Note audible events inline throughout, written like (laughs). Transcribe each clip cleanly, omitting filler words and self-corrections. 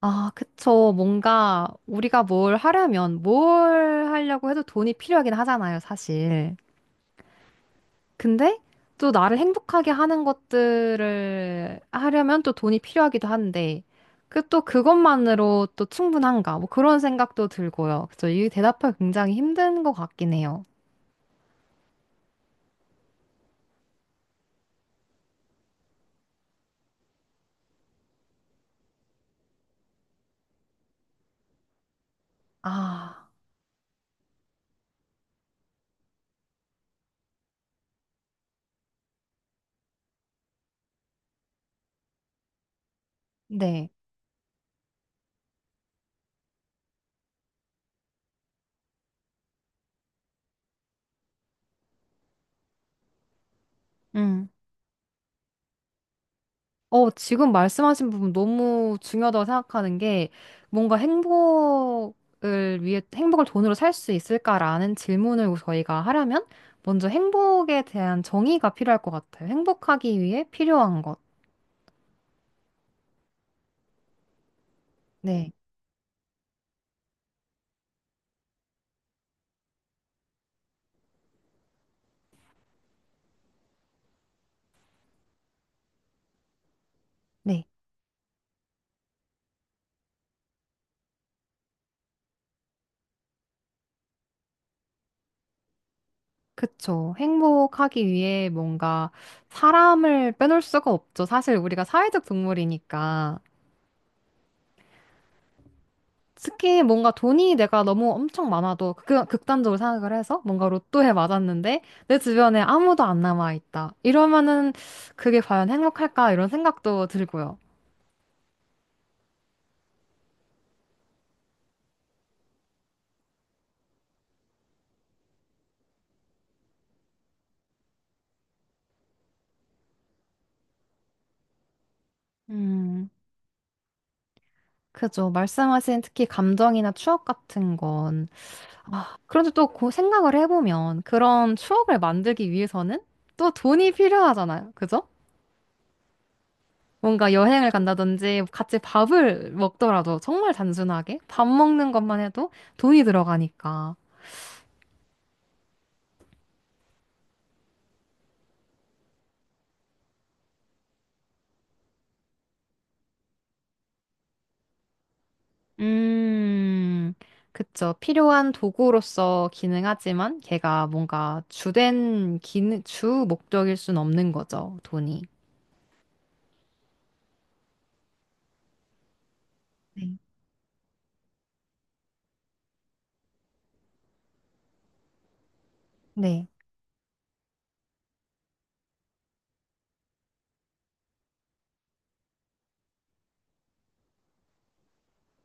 아, 그쵸. 뭔가 우리가 뭘 하려면 뭘 하려고 해도 돈이 필요하긴 하잖아요, 사실. 근데 또 나를 행복하게 하는 것들을 하려면 또 돈이 필요하기도 한데, 그 또 그것만으로 또 충분한가? 뭐 그런 생각도 들고요. 그쵸. 이 대답하기 굉장히 힘든 것 같긴 해요. 아, 네. 음. 어, 지금 말씀하신 부분 너무 중요하다고 생각하는 게 뭔가 행복을 위해 행복을 돈으로 살 수 있을까라는 질문을 저희가 하려면 먼저 행복에 대한 정의가 필요할 것 같아요. 행복하기 위해 필요한 것. 네. 네. 그쵸. 행복하기 위해 뭔가 사람을 빼놓을 수가 없죠. 사실 우리가 사회적 동물이니까. 특히 뭔가 돈이 내가 너무 엄청 많아도 극단적으로 생각을 해서 뭔가 로또에 맞았는데 내 주변에 아무도 안 남아 있다. 이러면은 그게 과연 행복할까? 이런 생각도 들고요. 음, 그죠. 말씀하신 특히 감정이나 추억 같은 건. 그런데 또 그 생각을 해보면 그런 추억을 만들기 위해서는 또 돈이 필요하잖아요. 그죠? 뭔가 여행을 간다든지 같이 밥을 먹더라도 정말 단순하게 밥 먹는 것만 해도 돈이 들어가니까. 음, 그쵸. 필요한 도구로서 기능하지만 걔가 뭔가 주된 기능, 주 목적일 순 없는 거죠, 돈이. 네. 네.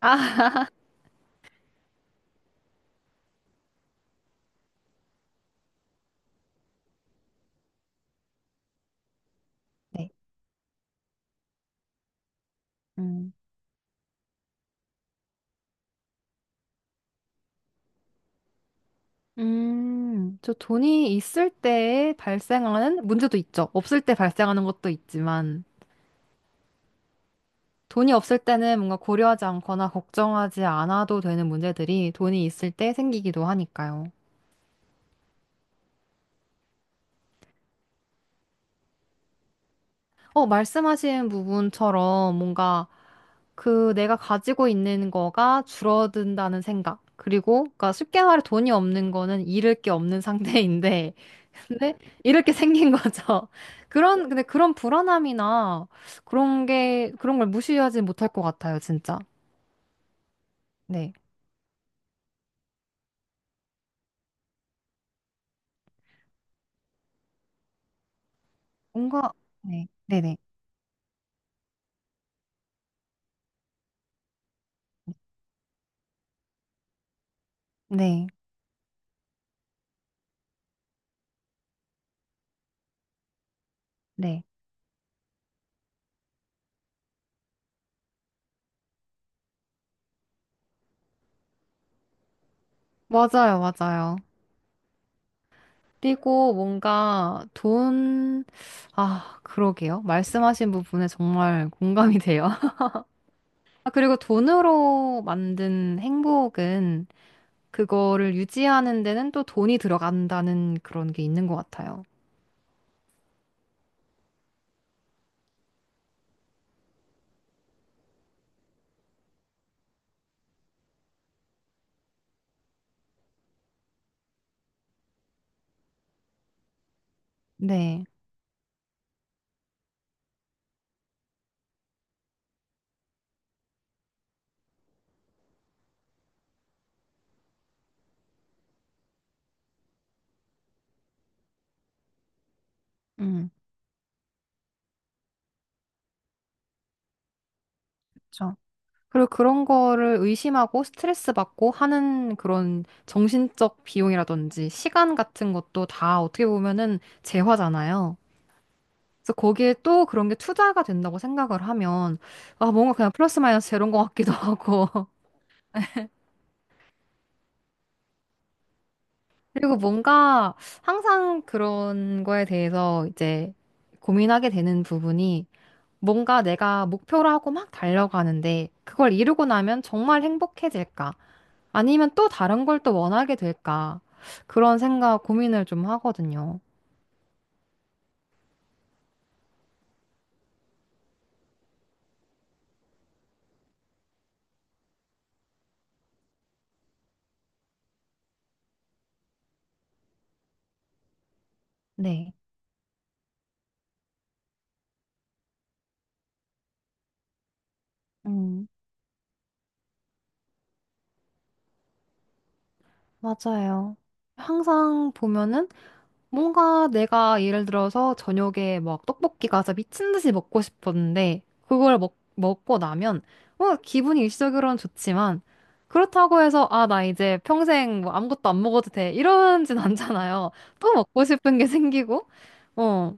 아, 네. 음, 저 돈이 있을 때 발생하는 문제도 있죠. 없을 때 발생하는 것도 있지만, 돈이 없을 때는 뭔가 고려하지 않거나 걱정하지 않아도 되는 문제들이 돈이 있을 때 생기기도 하니까요. 어, 말씀하신 부분처럼 뭔가 그 내가 가지고 있는 거가 줄어든다는 생각. 그리고 그러니까 쉽게 말해 돈이 없는 거는 잃을 게 없는 상태인데 (laughs) 근데 잃을 게 생긴 거죠. 그런 근데 그런 불안함이나 그런 게 그런 걸 무시하지 못할 것 같아요, 진짜. 네. 뭔가 네. 네네. 네. 네. 맞아요, 맞아요. 그리고 뭔가 돈, 아, 그러게요. 말씀하신 부분에 정말 공감이 돼요. 아, 그리고 돈으로 만든 행복은 그거를 유지하는 데는 또 돈이 들어간다는 그런 게 있는 것 같아요. 네. 음, 그렇죠. 그리고 그런 거를 의심하고 스트레스 받고 하는 그런 정신적 비용이라든지 시간 같은 것도 다 어떻게 보면은 재화잖아요. 그래서 거기에 또 그런 게 투자가 된다고 생각을 하면 아, 뭔가 그냥 플러스 마이너스 제로인 것 같기도 (laughs) 하고. 그리고 뭔가 항상 그런 거에 대해서 이제 고민하게 되는 부분이 뭔가 내가 목표로 하고 막 달려가는데 그걸 이루고 나면 정말 행복해질까? 아니면 또 다른 걸 또 원하게 될까? 그런 생각 고민을 좀 하거든요. 네. 음, 맞아요. 항상 보면은 뭔가 내가 예를 들어서 저녁에 막 떡볶이가 진짜 미친 듯이 먹고 싶었는데 그걸 먹고 나면 뭐 기분이 일시적으로는 좋지만 그렇다고 해서 아, 나 이제 평생 뭐 아무것도 안 먹어도 돼 이러진 (laughs) 않잖아요. 또 먹고 싶은 게 생기고 어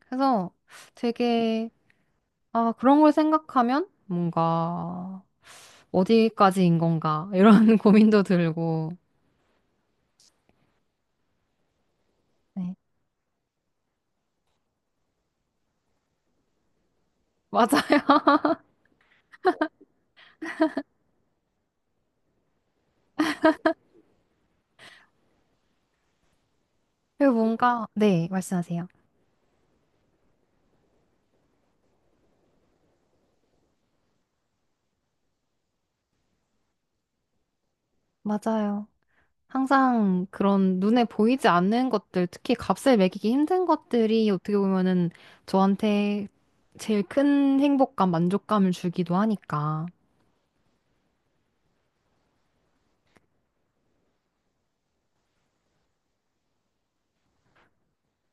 그래서 되게 아 그런 걸 생각하면 뭔가 어디까지인 건가 이런 (laughs) 고민도 들고 네 맞아요. (laughs) 뭔가 네 말씀하세요. 맞아요. 항상 그런 눈에 보이지 않는 것들, 특히 값을 매기기 힘든 것들이 어떻게 보면은 저한테 제일 큰 행복감, 만족감을 주기도 하니까.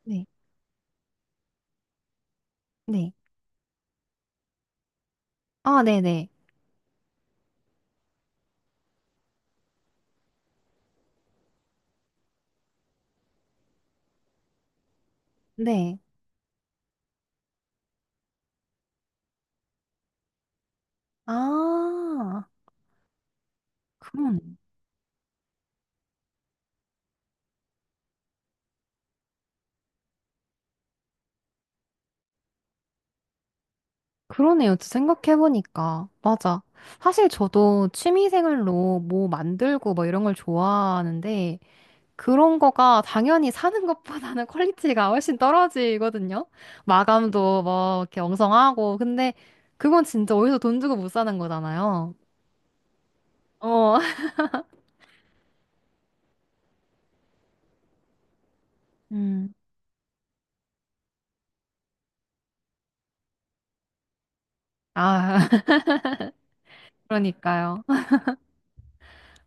네. 네. 아, 네네. 네. 아, 그러네. 그러네요. 또 생각해보니까. 맞아. 사실 저도 취미생활로 뭐 만들고 뭐 이런 걸 좋아하는데, 그런 거가 당연히 사는 것보다는 (laughs) 퀄리티가 훨씬 떨어지거든요. 마감도 뭐 이렇게 엉성하고. 근데 그건 진짜 어디서 돈 주고 못 사는 거잖아요. 어. (laughs) 음. 아, (laughs) 그러니까요.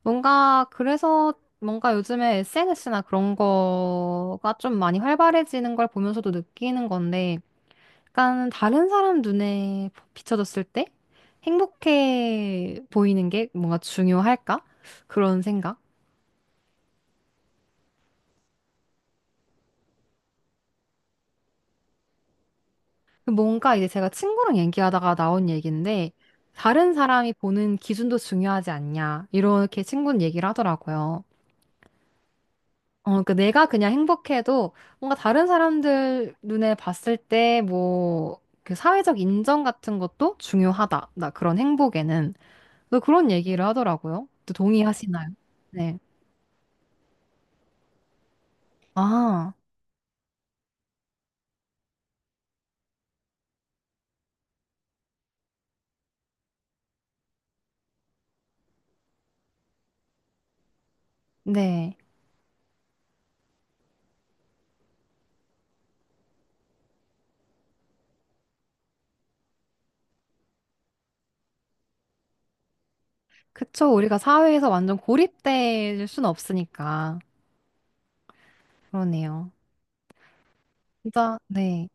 뭔가 그래서 뭔가 요즘에 SNS나 그런 거가 좀 많이 활발해지는 걸 보면서도 느끼는 건데 약간 다른 사람 눈에 비춰졌을 때 행복해 보이는 게 뭔가 중요할까? 그런 생각. 그 뭔가 이제 제가 친구랑 얘기하다가 나온 얘기인데, 다른 사람이 보는 기준도 중요하지 않냐, 이렇게 친구는 얘기를 하더라고요. 어, 그 내가 그냥 행복해도 뭔가 다른 사람들 눈에 봤을 때 뭐, 그 사회적 인정 같은 것도 중요하다. 나 그런 행복에는. 또 그런 얘기를 하더라고요. 또 동의하시나요? 네. 아, 네. 그쵸. 우리가 사회에서 완전 고립될 순 없으니까. 그러네요. 진짜, 네.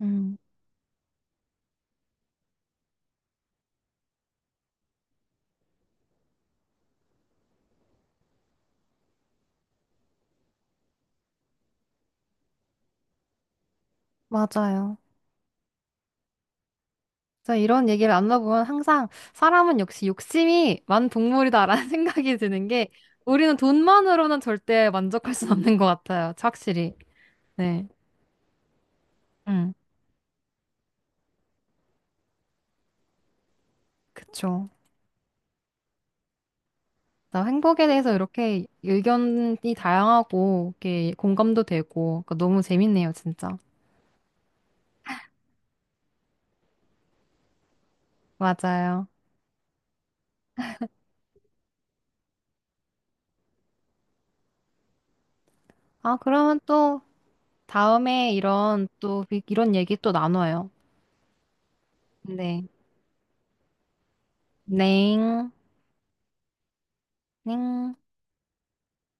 음. 맞아요. 진짜 이런 얘기를 나눠보면 항상 사람은 역시 욕심이 많은 동물이다라는 (laughs) 생각이 드는 게 우리는 돈만으로는 절대 만족할 수 없는 것 같아요. 확실히. 네. 음, 그쵸. 나 행복에 대해서 이렇게 의견이 다양하고 이렇게 공감도 되고 그러니까 너무 재밌네요, 진짜. 맞아요. 아, 그러면 또 다음에 이런 또 이런 얘기 또 나눠요. 네. 넹. 넹.